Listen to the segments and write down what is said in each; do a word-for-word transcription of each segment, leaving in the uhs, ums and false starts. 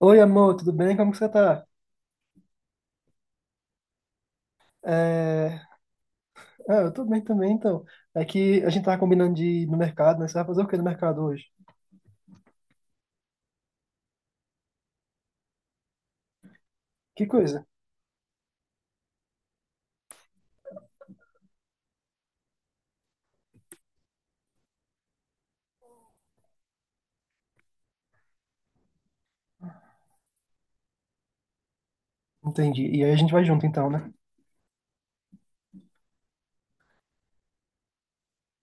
Oi, amor, tudo bem? Como que você tá? É... Ah, eu tô bem também, então. É que a gente tava combinando de ir no mercado, né? Você vai fazer o quê no mercado hoje? Que coisa? Entendi. E aí a gente vai junto, então, né?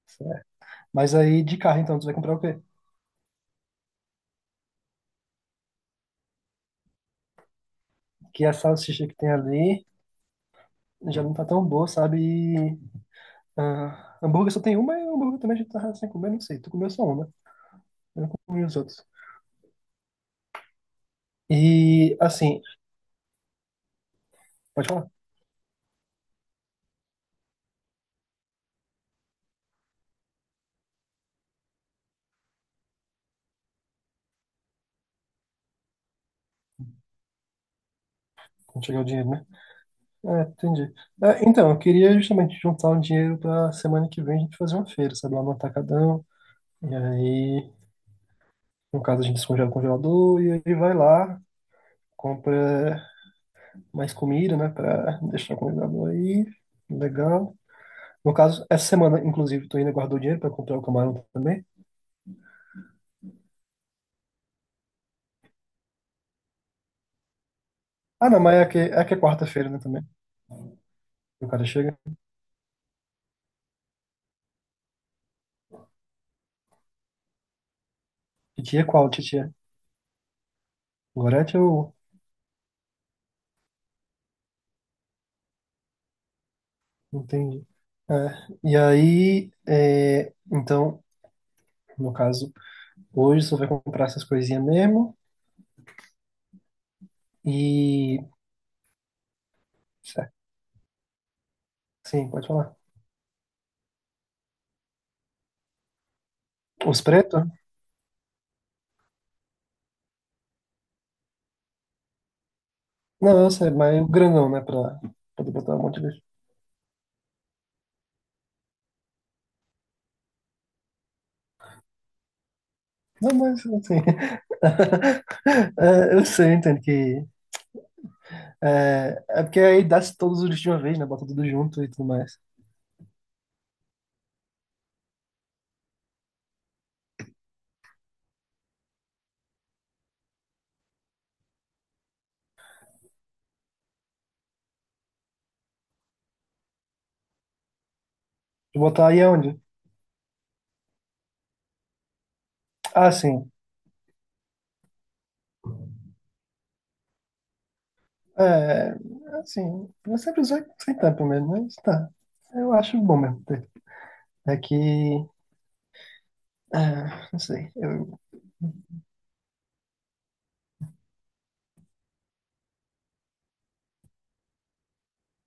Certo. Mas aí, de carro, então, tu vai comprar o quê? Que é a salsicha que tem ali já não tá tão boa, sabe? E, ah, hambúrguer só tem uma e hambúrguer também a gente tá sem comer, não sei. Tu comeu só uma, né? Eu não comi os outros. E, assim, pode falar? Quando chegar o dinheiro, né? É, entendi. É, então, eu queria justamente juntar um dinheiro para semana que vem a gente fazer uma feira, sabe, lá no Atacadão. E aí, no caso, a gente descongela o congelador e aí vai lá, compra mais comida, né, para deixar o congelador aí. Legal. No caso, essa semana, inclusive, tu ainda guardou dinheiro para comprar o camarão também? Ah, não, mas é que é, que é quarta-feira, né, também. O cara chega. Titia qual, titia? Gorete ou. Entendi. É, e aí, é, então, no caso. Hoje só vai comprar essas coisinhas mesmo. E. É, sim, pode falar. Os pretos? Não, eu sei, mas o grandão, né? Pra poder botar um monte de. Não, mas assim. É, eu sei, entendo que. É, é porque aí dá todos os lixos de uma vez, né? Bota tudo junto e tudo mais. Vou botar aí onde? Ah, sim. É, assim, eu sempre usei sem tampa mesmo, mas tá. Eu acho bom mesmo ter. É que. Ah, não sei. Eu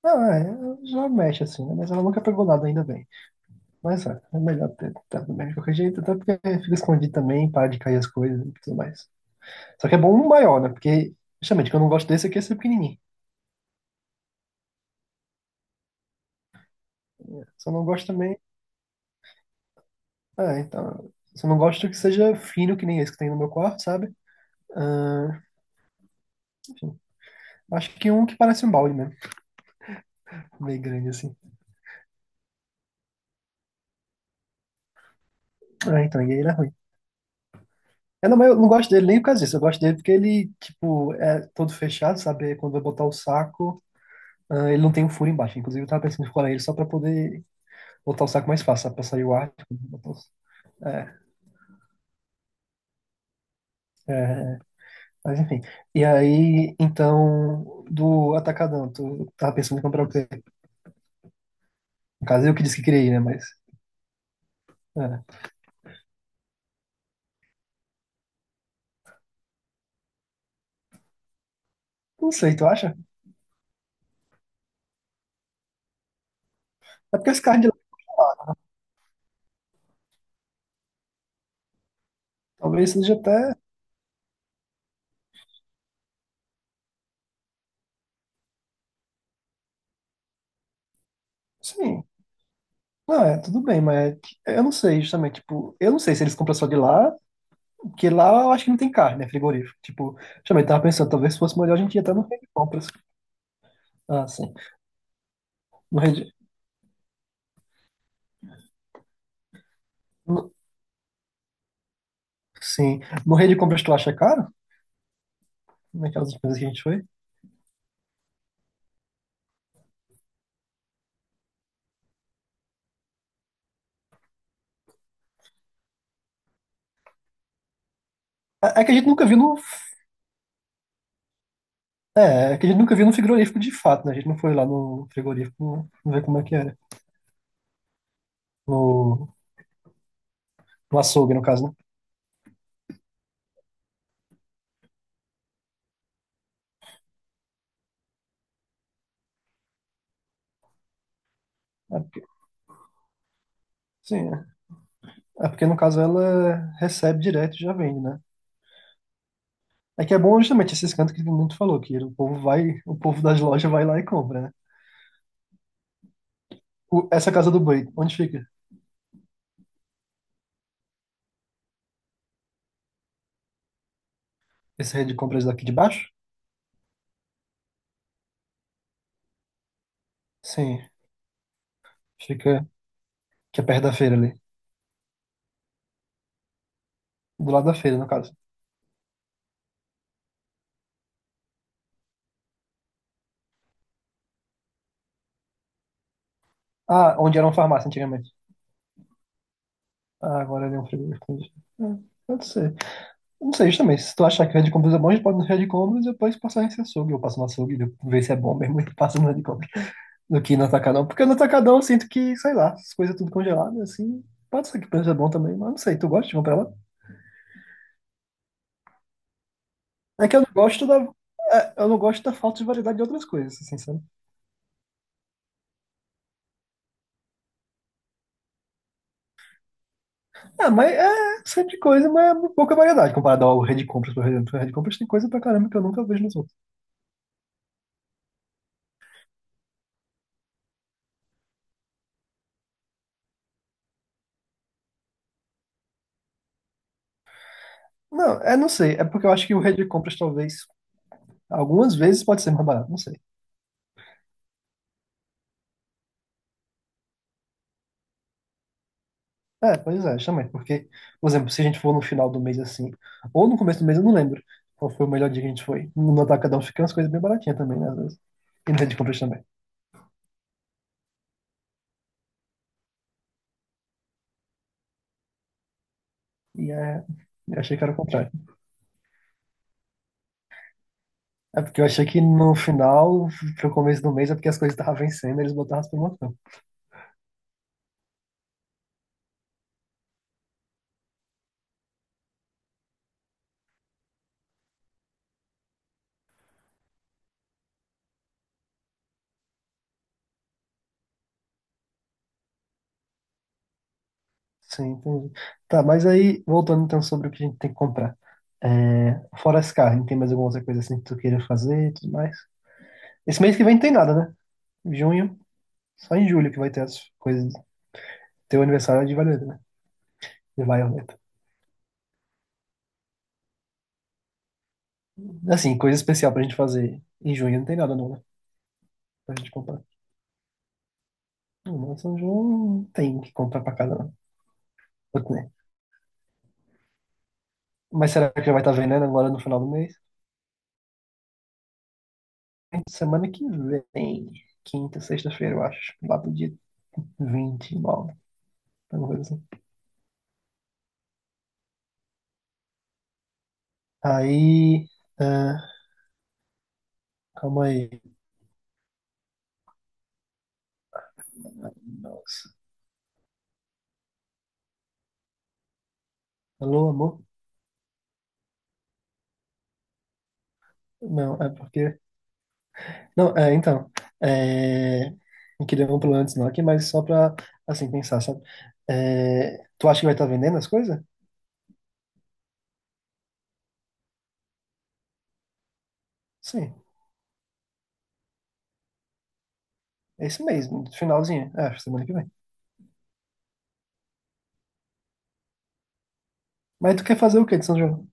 não, é, já mexe assim, né? Mas ela nunca pegou nada, ainda bem. Mas é, é melhor ter tentado mesmo de qualquer jeito, até porque fica escondido também, para de cair as coisas e tudo mais. Só que é bom um maior, né? Porque, justamente, o que eu não gosto desse aqui é ser pequenininho. Só não gosto também. Ah, então. Só não gosto que seja fino, que nem esse que tem no meu quarto, sabe? Ah, enfim. Acho que um que parece um balde mesmo, meio grande assim. Ah, então, e aí ele é ruim. Eu não, mas eu não gosto dele nem por causa disso, eu gosto dele porque ele, tipo, é todo fechado, sabe? É quando vai botar o saco. Ah, ele não tem um furo embaixo. Inclusive, eu tava pensando em furar ele só pra poder botar o saco mais fácil, sabe? Pra sair o ar. Tipo, botar os- É, é, mas enfim. E aí, então, do Atacadão, tu tava pensando em comprar o quê? No caso, eu que disse que queria ir, né? Mas, é. Não sei, tu acha? É porque esse carro de lá, talvez seja até, sim. Não, é, tudo bem, mas eu não sei, justamente, tipo, eu não sei se eles compram só de lá, porque lá eu acho que não tem carne, né, frigorífico. Tipo, justamente, tava pensando, talvez fosse melhor a gente ir até no Rede Compras. Ah, sim. No Rede... Sim. Morrer de compras tu acha caro? Naquelas coisas que a gente foi? É é que a gente nunca viu no. É, é que a gente nunca viu no frigorífico de fato, né? A gente não foi lá no frigorífico ver como é que era. No, no açougue, no caso, né? É porque, sim, é É porque no caso ela recebe direto e já vende, né? É que é bom justamente esses cantos que o tu falou, que o povo vai, o povo das lojas vai lá e compra, né? O- essa casa do boi, onde fica? Essa rede de compras daqui de baixo? Sim, fica que é perto da feira ali. Do lado da feira, no caso. Ah, onde era uma farmácia antigamente. Ah, agora ele é um frigor, entendi. É, pode ser. Não sei, justamente. Se tu achar que o Red Combos é bom, a gente pode ir no Red Combos e depois passar nesse açougue. Eu passo no açougue, ver se é bom mesmo e passo no Red Combos. Do que no Atacadão. Porque no Atacadão eu sinto que, sei lá, as coisas tudo congeladas, assim. Pode ser que o preço é bom também, mas não sei. Tu gosta de comprar lá? É que eu não gosto da. É, eu não gosto da falta de variedade de outras coisas, assim, sabe? Ah, mas é sempre coisa, mas é pouca variedade comparado ao Red Compras, por exemplo. O Red Compras tem coisa pra caramba que eu nunca vejo nos outros. Não, é, não sei. É porque eu acho que o Red Compras talvez algumas vezes pode ser mais barato, não sei. É, pois é, também. Porque, por exemplo, se a gente for no final do mês assim, ou no começo do mês, eu não lembro qual foi o melhor dia que a gente foi. No Atacadão fica umas coisas bem baratinhas também, né, às vezes. E na de compras também. E é. Eu achei que era o contrário. É porque eu achei que no final, pro começo do mês, é porque as coisas estavam vencendo, eles botavam as promoções. Sim, entendi. Tá, mas aí, voltando então sobre o que a gente tem que comprar. É, fora esse carro tem mais alguma outra coisa assim que tu queira fazer e tudo mais? Esse mês que vem não tem nada, né? Junho. Só em julho que vai ter as coisas. Ter o aniversário é de Violeta, né? De Violeta. Assim, coisa especial pra gente fazer. Em junho não tem nada, não, né? Pra gente comprar. Não, não, São João não tem que comprar pra casa, não. Putz, né? Mas será que já vai estar vendendo agora no final do mês? Semana que vem. Quinta, sexta-feira, eu acho. Lá pro dia vinte e nove. Alguma coisa assim. Aí. ah, Calma aí. Nossa. Alô, amor? Não, é porque. Não, é, então, é, eu queria um plano antes não aqui, mas só pra, assim, pensar, sabe? É, tu acha que vai estar vendendo as coisas? Sim, é esse mês, no finalzinho, é, acho, semana que vem. Mas tu quer fazer o quê de São João?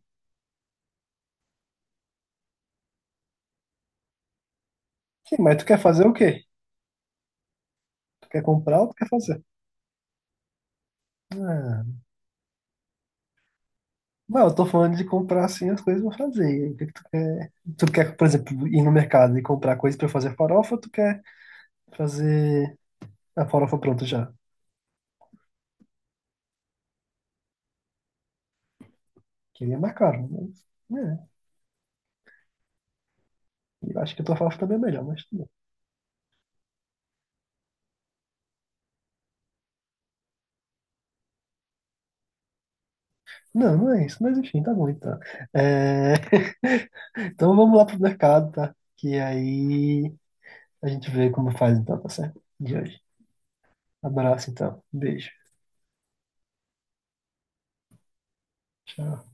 Sim, mas tu quer fazer o quê? Tu quer comprar ou tu quer fazer? Ah, não, eu tô falando de comprar, assim, as coisas pra fazer. E aí, o que que tu quer? Tu quer, por exemplo, ir no mercado e comprar coisas pra fazer farofa ou tu quer fazer a farofa pronta já? Que aí é mais caro, mas, né? É, eu acho que a tua farofa também é melhor, mas tudo bem. Não, não é isso, mas enfim, tá bom então. É, então vamos lá pro mercado, tá? Que aí a gente vê como faz então, tá certo? De hoje. Abraço então. Beijo. Tchau.